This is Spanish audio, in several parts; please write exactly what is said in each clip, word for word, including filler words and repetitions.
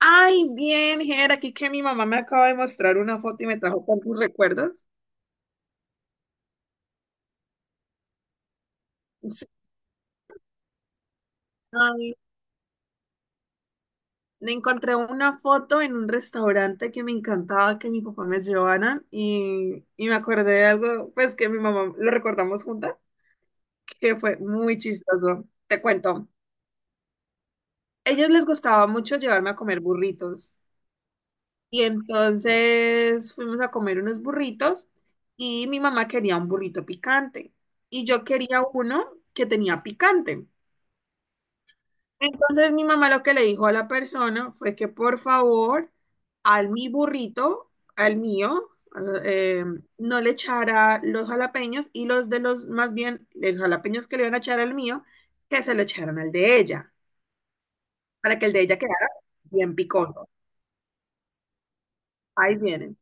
Ay, bien, Ger, aquí que mi mamá me acaba de mostrar una foto y me trajo tantos recuerdos. Sí. Ay, me encontré una foto en un restaurante que me encantaba que mi papá me llevaran y, y me acordé de algo, pues que mi mamá lo recordamos juntas, que fue muy chistoso. Te cuento, ellos les gustaba mucho llevarme a comer burritos y entonces fuimos a comer unos burritos y mi mamá quería un burrito picante y yo quería uno que tenía picante. Entonces mi mamá lo que le dijo a la persona fue que por favor al mi burrito, al mío, eh, no le echara los jalapeños y los de los, más bien, los jalapeños que le iban a echar al mío, que se lo echaran al de ella, para que el de ella quedara bien picoso. Ahí vienen.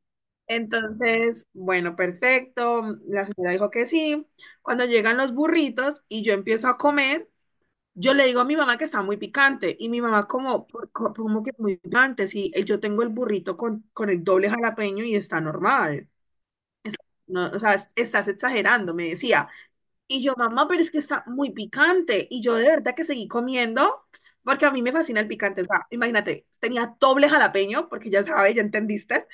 Entonces, bueno, perfecto. La señora dijo que sí. Cuando llegan los burritos y yo empiezo a comer, yo le digo a mi mamá que está muy picante y mi mamá como, "¿Por co- ¿cómo que muy picante? Si eh, yo tengo el burrito con, con el doble jalapeño y está normal. No, o sea, es- estás exagerando", me decía. Y yo, mamá, pero es que está muy picante. Y yo de verdad que seguí comiendo porque a mí me fascina el picante. O sea, imagínate, tenía doble jalapeño, porque ya sabes, ya entendiste.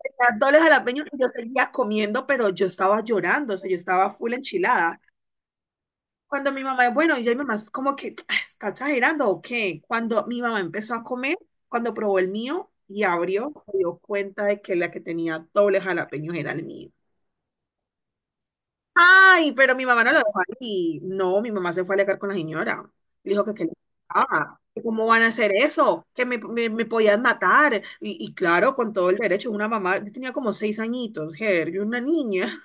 Tenía doble jalapeño y yo seguía comiendo, pero yo estaba llorando, o sea, yo estaba full enchilada. Cuando mi mamá, bueno, ya mi mamá es como que "Ah, está exagerando o qué". Cuando mi mamá empezó a comer, cuando probó el mío y abrió, se dio cuenta de que la que tenía doble jalapeño era el mío. Ay, pero mi mamá no lo dejó ahí. No, mi mamá se fue a alegar con la señora. Le dijo que qué le pasaba, que cómo van a hacer eso, que me, me, me podían matar. Y, y claro, con todo el derecho, una mamá, yo tenía como seis añitos, Ger, yo una niña.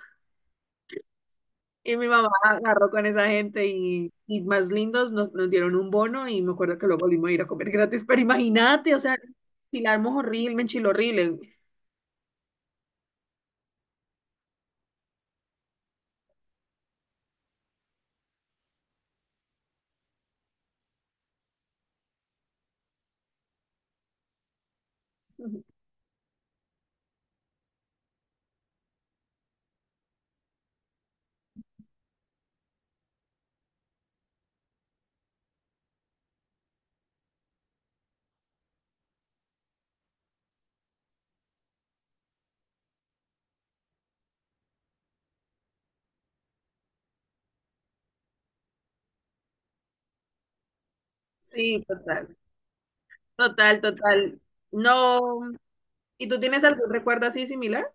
Y mi mamá agarró con esa gente y, y más lindos nos, nos dieron un bono y me acuerdo que luego volvimos a ir a comer gratis, pero imagínate, o sea, enchilarmos horrible, me enchiló horrible. Sí, total, total, total. No, ¿y tú tienes algún recuerdo así similar?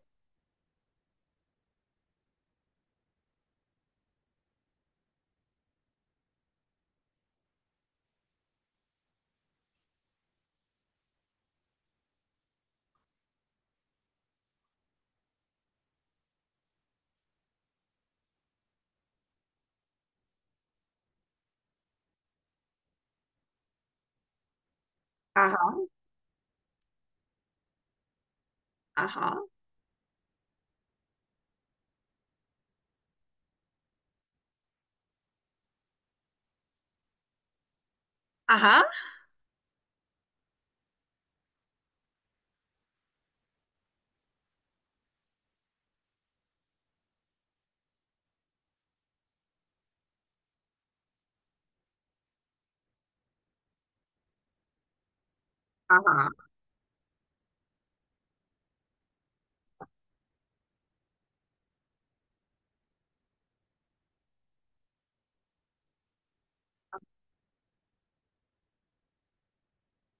Ajá, ajá, ajá, ajá,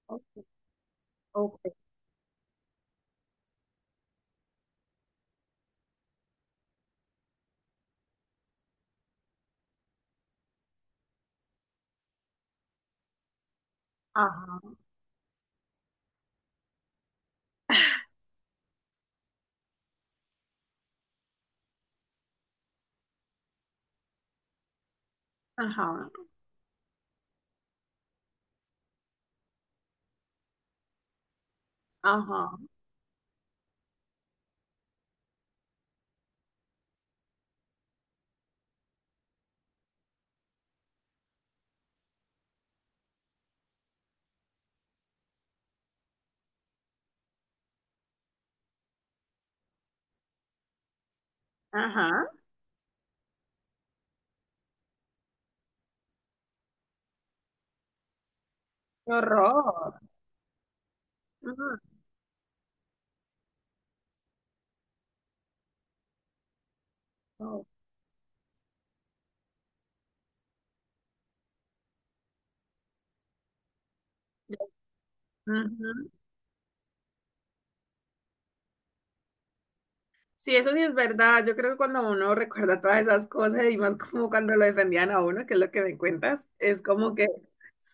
ok, ok, ajá, ajá, ajá, ajá, qué horror. Ujú, ujú. Sí, eso sí es verdad. Yo creo que cuando uno recuerda todas esas cosas y más como cuando lo defendían a uno, que es lo que me cuentas, es como que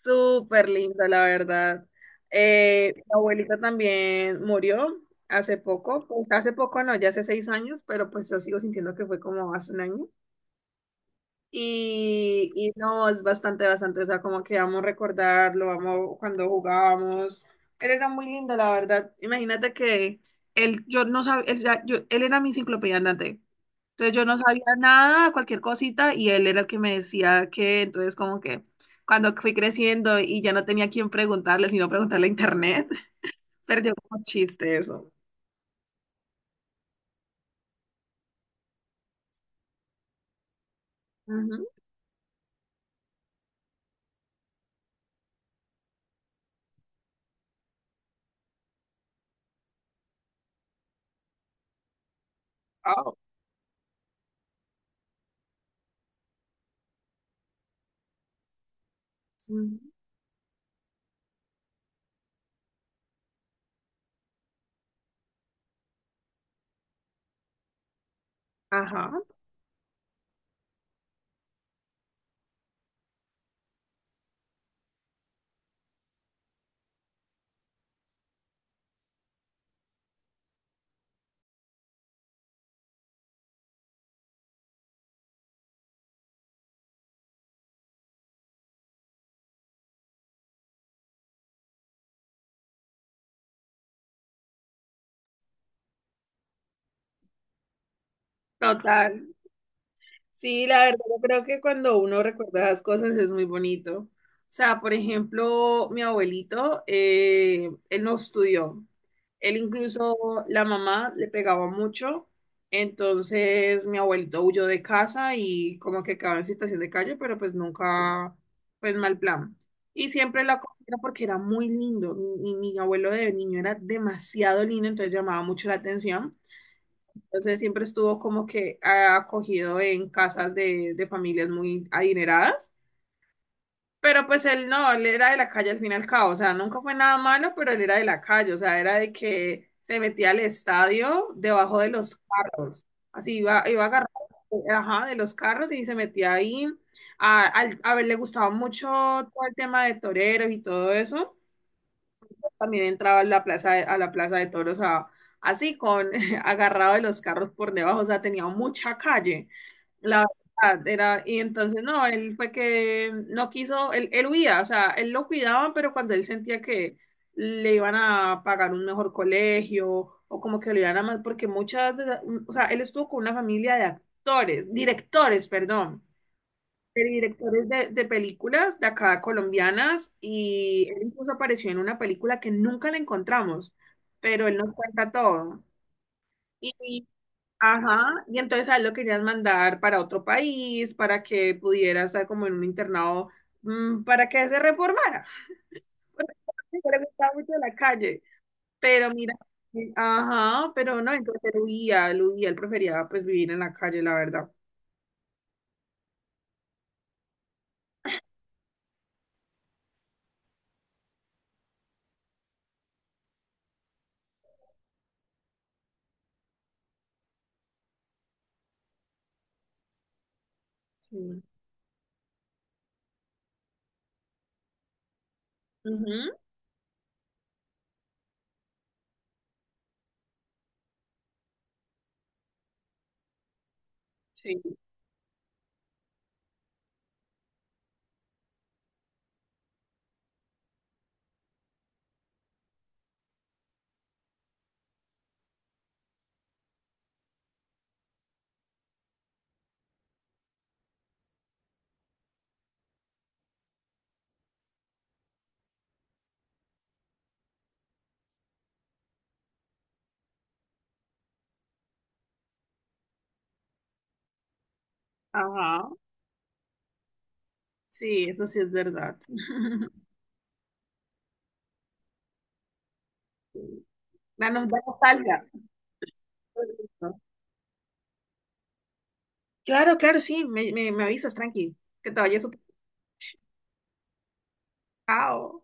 súper lindo, la verdad. Eh, mi abuelita también murió hace poco, pues hace poco no, ya hace seis años, pero pues yo sigo sintiendo que fue como hace un año. Y, y no, es bastante, bastante, o sea, como que vamos a recordarlo, vamos cuando jugábamos. Él era muy lindo, la verdad. Imagínate que él, yo no sabía, él, ya- yo- él era mi enciclopedia andante. Entonces yo no sabía nada, cualquier cosita, y él era el que me decía que, entonces como que cuando fui creciendo y ya no tenía a quién preguntarle, sino preguntarle a internet, perdió como chiste eso. Ujú. Oh. Ujú. Ajá, total. Sí, la verdad, yo creo que cuando uno recuerda las cosas es muy bonito. O sea, por ejemplo, mi abuelito, eh, él no estudió. Él incluso, la mamá le pegaba mucho. Entonces, mi abuelito huyó de casa y como que quedaba en situación de calle, pero pues nunca, pues mal plan. Y siempre la acogía porque era muy lindo. Mi, mi mi abuelo de niño era demasiado lindo, entonces llamaba mucho la atención. Entonces siempre estuvo como que ah, acogido en casas de, de familias muy adineradas, pero pues él no, él era de la calle al fin y al cabo, o sea, nunca fue nada malo, pero él era de la calle, o sea, era de que se metía al estadio debajo de los carros, así iba, iba agarrado, eh, ajá, de los carros y se metía ahí. A, al- a ver, le gustaba mucho todo el tema de toreros y todo eso también entraba a la plaza de, a la plaza de toros a- así, con agarrado de los carros por debajo, o sea, tenía mucha calle. La verdad era, y entonces no, él fue que no quiso, él, él huía, o sea, él lo cuidaba, pero cuando él sentía que le iban a pagar un mejor colegio o como que lo iban a más, porque muchas, de esas- o sea, él estuvo con una familia de actores, directores, perdón, de directores de, de películas de acá colombianas y él incluso apareció en una película que nunca le encontramos, pero él nos cuenta todo. Y, y- ajá, y entonces a él lo querías mandar para otro país, para que pudiera estar como en un internado, mm, para que se reformara, porque le gustaba mucho la calle. Pero mira, y- ajá, pero no, entonces él huía, él, huía, él prefería pues vivir en la calle, la verdad. Sí. Ujú, sí, ajá. Sí, eso sí es verdad. Da, no- da nostalgia. Claro, claro, sí, me, me, me avisas, tranqui, que te vayas. Súper. Chao.